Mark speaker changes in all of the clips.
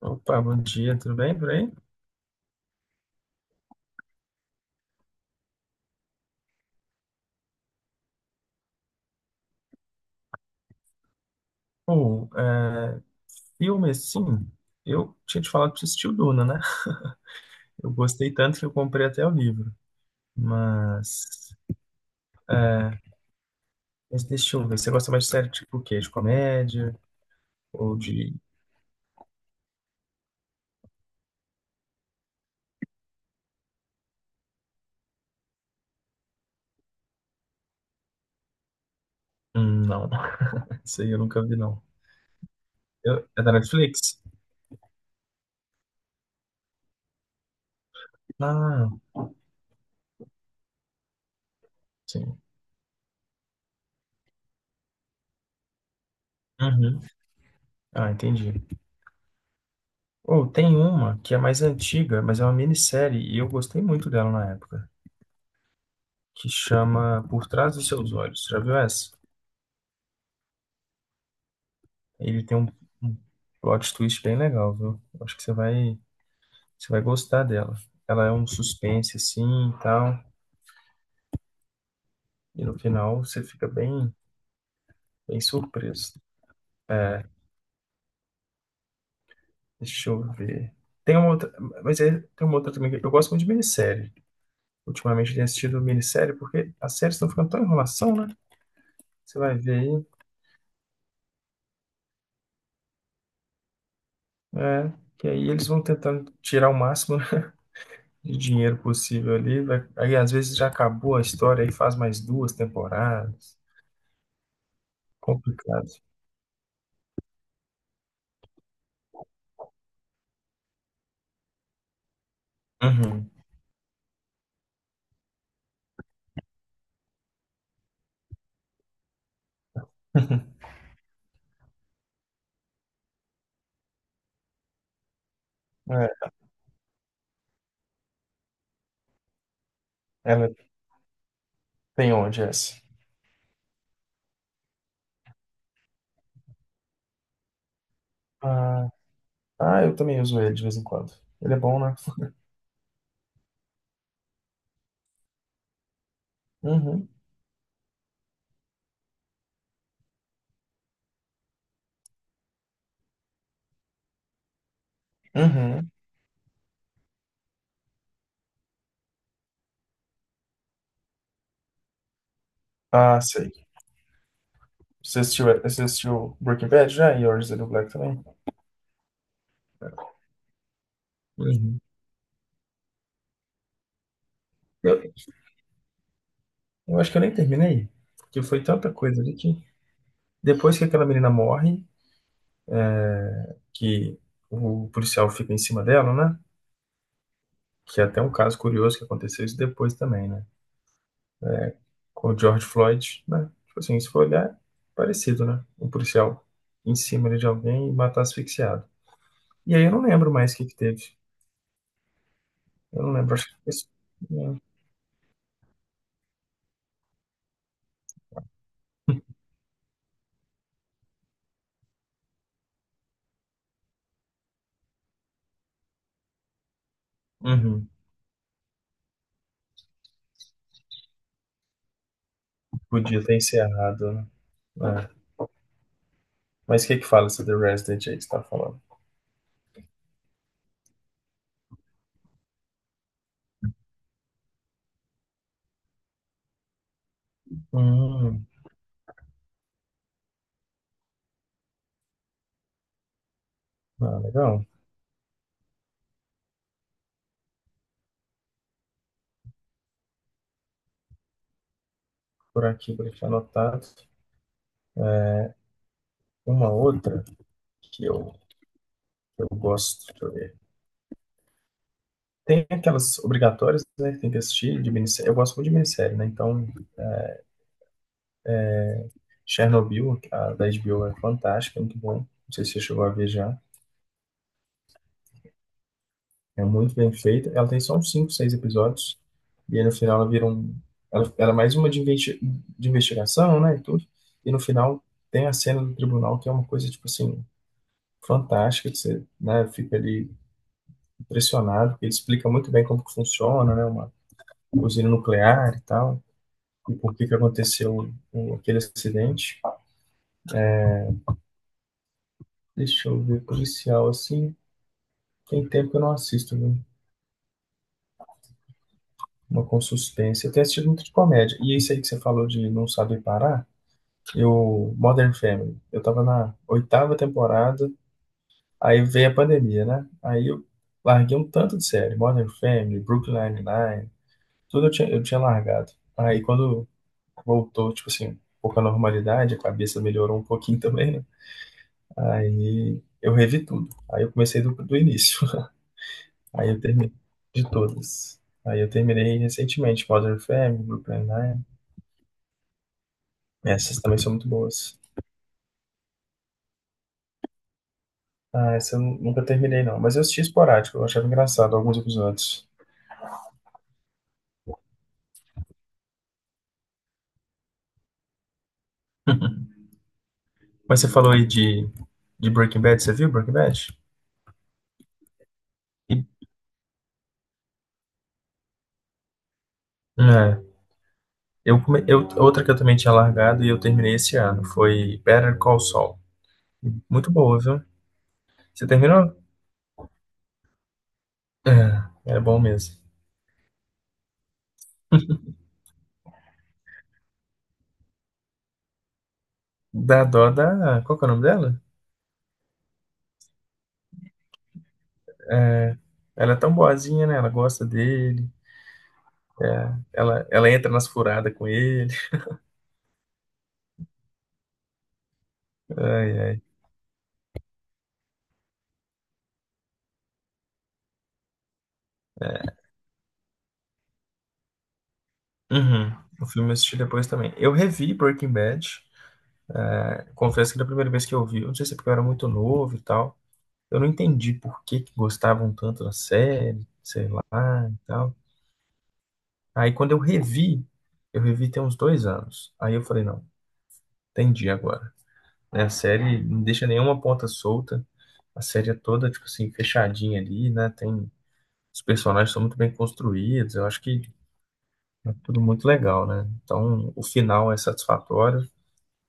Speaker 1: Opa, bom dia, tudo bem por aí? Pô, é, filme assim, eu tinha te falado pra você assistir o Duna, né? Eu gostei tanto que eu comprei até o livro. Mas, mas deixa eu ver, você gosta mais de série tipo o quê? De comédia? Ou de. Não, isso aí eu nunca vi, não. Eu- É da Netflix? Ah, sim. Uhum. Ah, entendi. Ou tem uma que é mais antiga, mas é uma minissérie e eu gostei muito dela na época, que chama Por Trás dos Seus Olhos. Já viu essa? Ele tem um plot twist bem legal, viu? Acho que você vai gostar dela. Ela é um suspense assim e tal, e no final você fica bem surpreso. É, deixa eu ver. Tem uma outra, mas é, tem uma outra também, que eu gosto muito de minissérie. Ultimamente eu tenho assistido minissérie porque as séries estão ficando tão enrolação, né? Você vai ver aí, é, que aí eles vão tentando tirar o máximo de dinheiro possível ali. Vai- aí às vezes já acabou a história e faz mais duas temporadas. Complicado. Uhum. É, ela tem onde essa? Ah, ah, eu também uso ele de vez em quando. Ele é bom, né? Uhum. Uhum. Ah, sei. Você assistiu Breaking Bad já? E Orange is the New Black também? Uhum. Eu, eu acho que eu nem terminei. Porque foi tanta coisa ali que... Depois que aquela menina morre, que o policial fica em cima dela, né? Que é até um caso curioso que aconteceu isso depois também, né? Com o George Floyd, né? Tipo assim, se for olhar, parecido, né? Um policial em cima ali de alguém e matar asfixiado. E aí eu não lembro mais o que que teve. Eu não lembro, acho que foi isso. Né? Uhum. Podia ter encerrado, né? É. Mas o que que fala essa The Resident aí que você tá falando? Hum, ah, legal. Por aqui anotado. É, uma outra que eu gosto, deixa eu ver. Tem aquelas obrigatórias, né, que tem que assistir de minissérie. Eu gosto muito de minissérie, né? Então, Chernobyl, a da HBO, é fantástica, é muito bom. Não sei se você chegou a ver já. É muito bem feita. Ela tem só uns 5, 6 episódios. E aí no final ela vira um. Ela é mais uma de, investi- de investigação, né? E tudo. E no final tem a cena do tribunal, que é uma coisa, tipo assim, fantástica. Que você, né, fica ali impressionado, porque ele explica muito bem como que funciona, né? Uma usina nuclear e tal. E por que que aconteceu o- aquele acidente. Deixa eu ver, policial, assim. Tem tempo que eu não assisto, viu? Uma com suspense. Eu tenho assistido muito de comédia. E isso aí que você falou de não saber parar, eu, Modern Family. Eu tava na oitava temporada, aí veio a pandemia, né? Aí eu larguei um tanto de série. Modern Family, Brooklyn Nine-Nine, tudo eu tinha largado. Aí quando voltou, tipo assim, um pouco a normalidade, a cabeça melhorou um pouquinho também, né? Aí eu revi tudo. Aí eu comecei do início. Aí eu terminei de todas. Aí eu terminei recentemente, Modern Family, Brooklyn Nine. Essas também são muito boas. Ah, essa eu nunca terminei, não. Mas eu assisti esporádico, eu achava engraçado alguns episódios. Mas você falou aí de Breaking Bad, você viu Breaking Bad? E- é, eu, outra que eu também tinha largado e eu terminei esse ano foi Better Call Saul. Muito boa, viu? Você terminou? É, é bom mesmo. Dá dó da. Qual que é o nome dela? Ela é tão boazinha, né? Ela gosta dele. Ela entra nas furadas com ele. Ai, ai. Uhum. O filme eu assisti depois também. Eu revi Breaking Bad. É, confesso que da primeira vez que eu vi, eu não sei se é porque eu era muito novo e tal. Eu não entendi por que que gostavam tanto da série, sei lá e tal. Aí quando eu revi tem uns dois anos. Aí eu falei, não, entendi agora. Né, a série não deixa nenhuma ponta solta. A série é toda, tipo assim, fechadinha ali, né? Tem, os personagens são muito bem construídos. Eu acho que é tudo muito legal, né? Então, o final é satisfatório.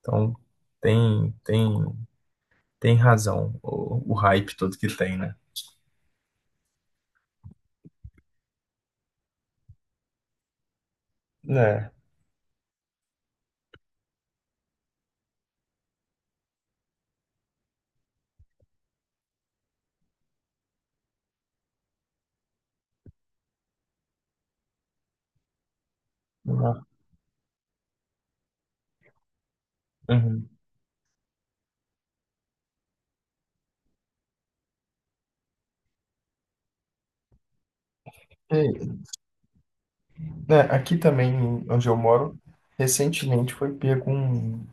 Speaker 1: Então tem, tem, tem razão o hype todo que tem, né? Né? Uma- Uhum. E, né, aqui também, onde eu moro, recentemente foi pego um.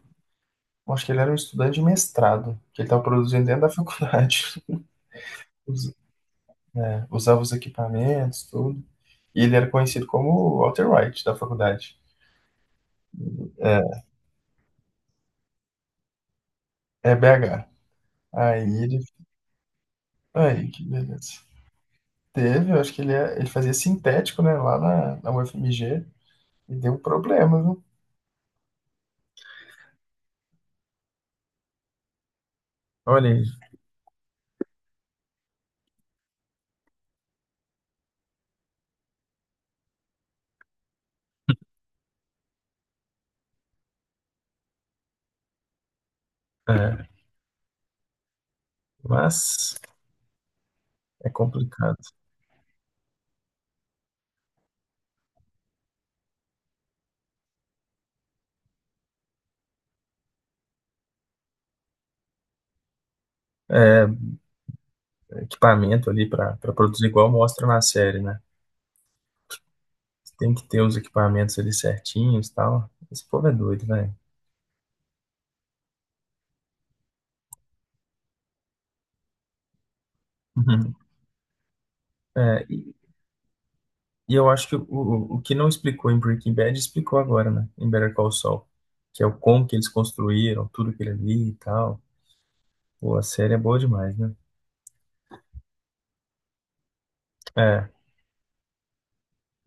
Speaker 1: Acho que ele era um estudante de mestrado, que ele estava produzindo dentro da faculdade. Us- né, usava os equipamentos, tudo. E ele era conhecido como Walter White da faculdade. É BH. Aí ele. Aí, que beleza. Teve, eu acho que ele, é- ele fazia sintético, né, lá na, na UFMG. E deu problema, viu? Olha aí. É, mas é complicado. Equipamento ali para produzir igual mostra na série, né? Você tem que ter os equipamentos ali certinhos e tal. Esse povo é doido, velho. Uhum. É, e eu acho que o que não explicou em Breaking Bad explicou agora, né? Em Better Call Saul, que é o como que eles construíram, tudo que ele ali e tal. Pô, a série é boa demais, né? É,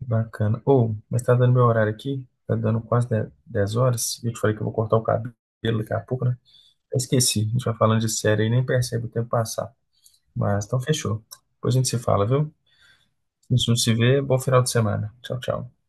Speaker 1: bacana. Ou, mas tá dando meu horário aqui, tá dando quase 10 horas. E eu te falei que eu vou cortar o cabelo daqui a pouco, né? Esqueci, a gente vai falando de série e nem percebe o tempo passar. Mas então fechou. Depois a gente se fala, viu? Se a gente não se vê, bom final de semana. Tchau, tchau.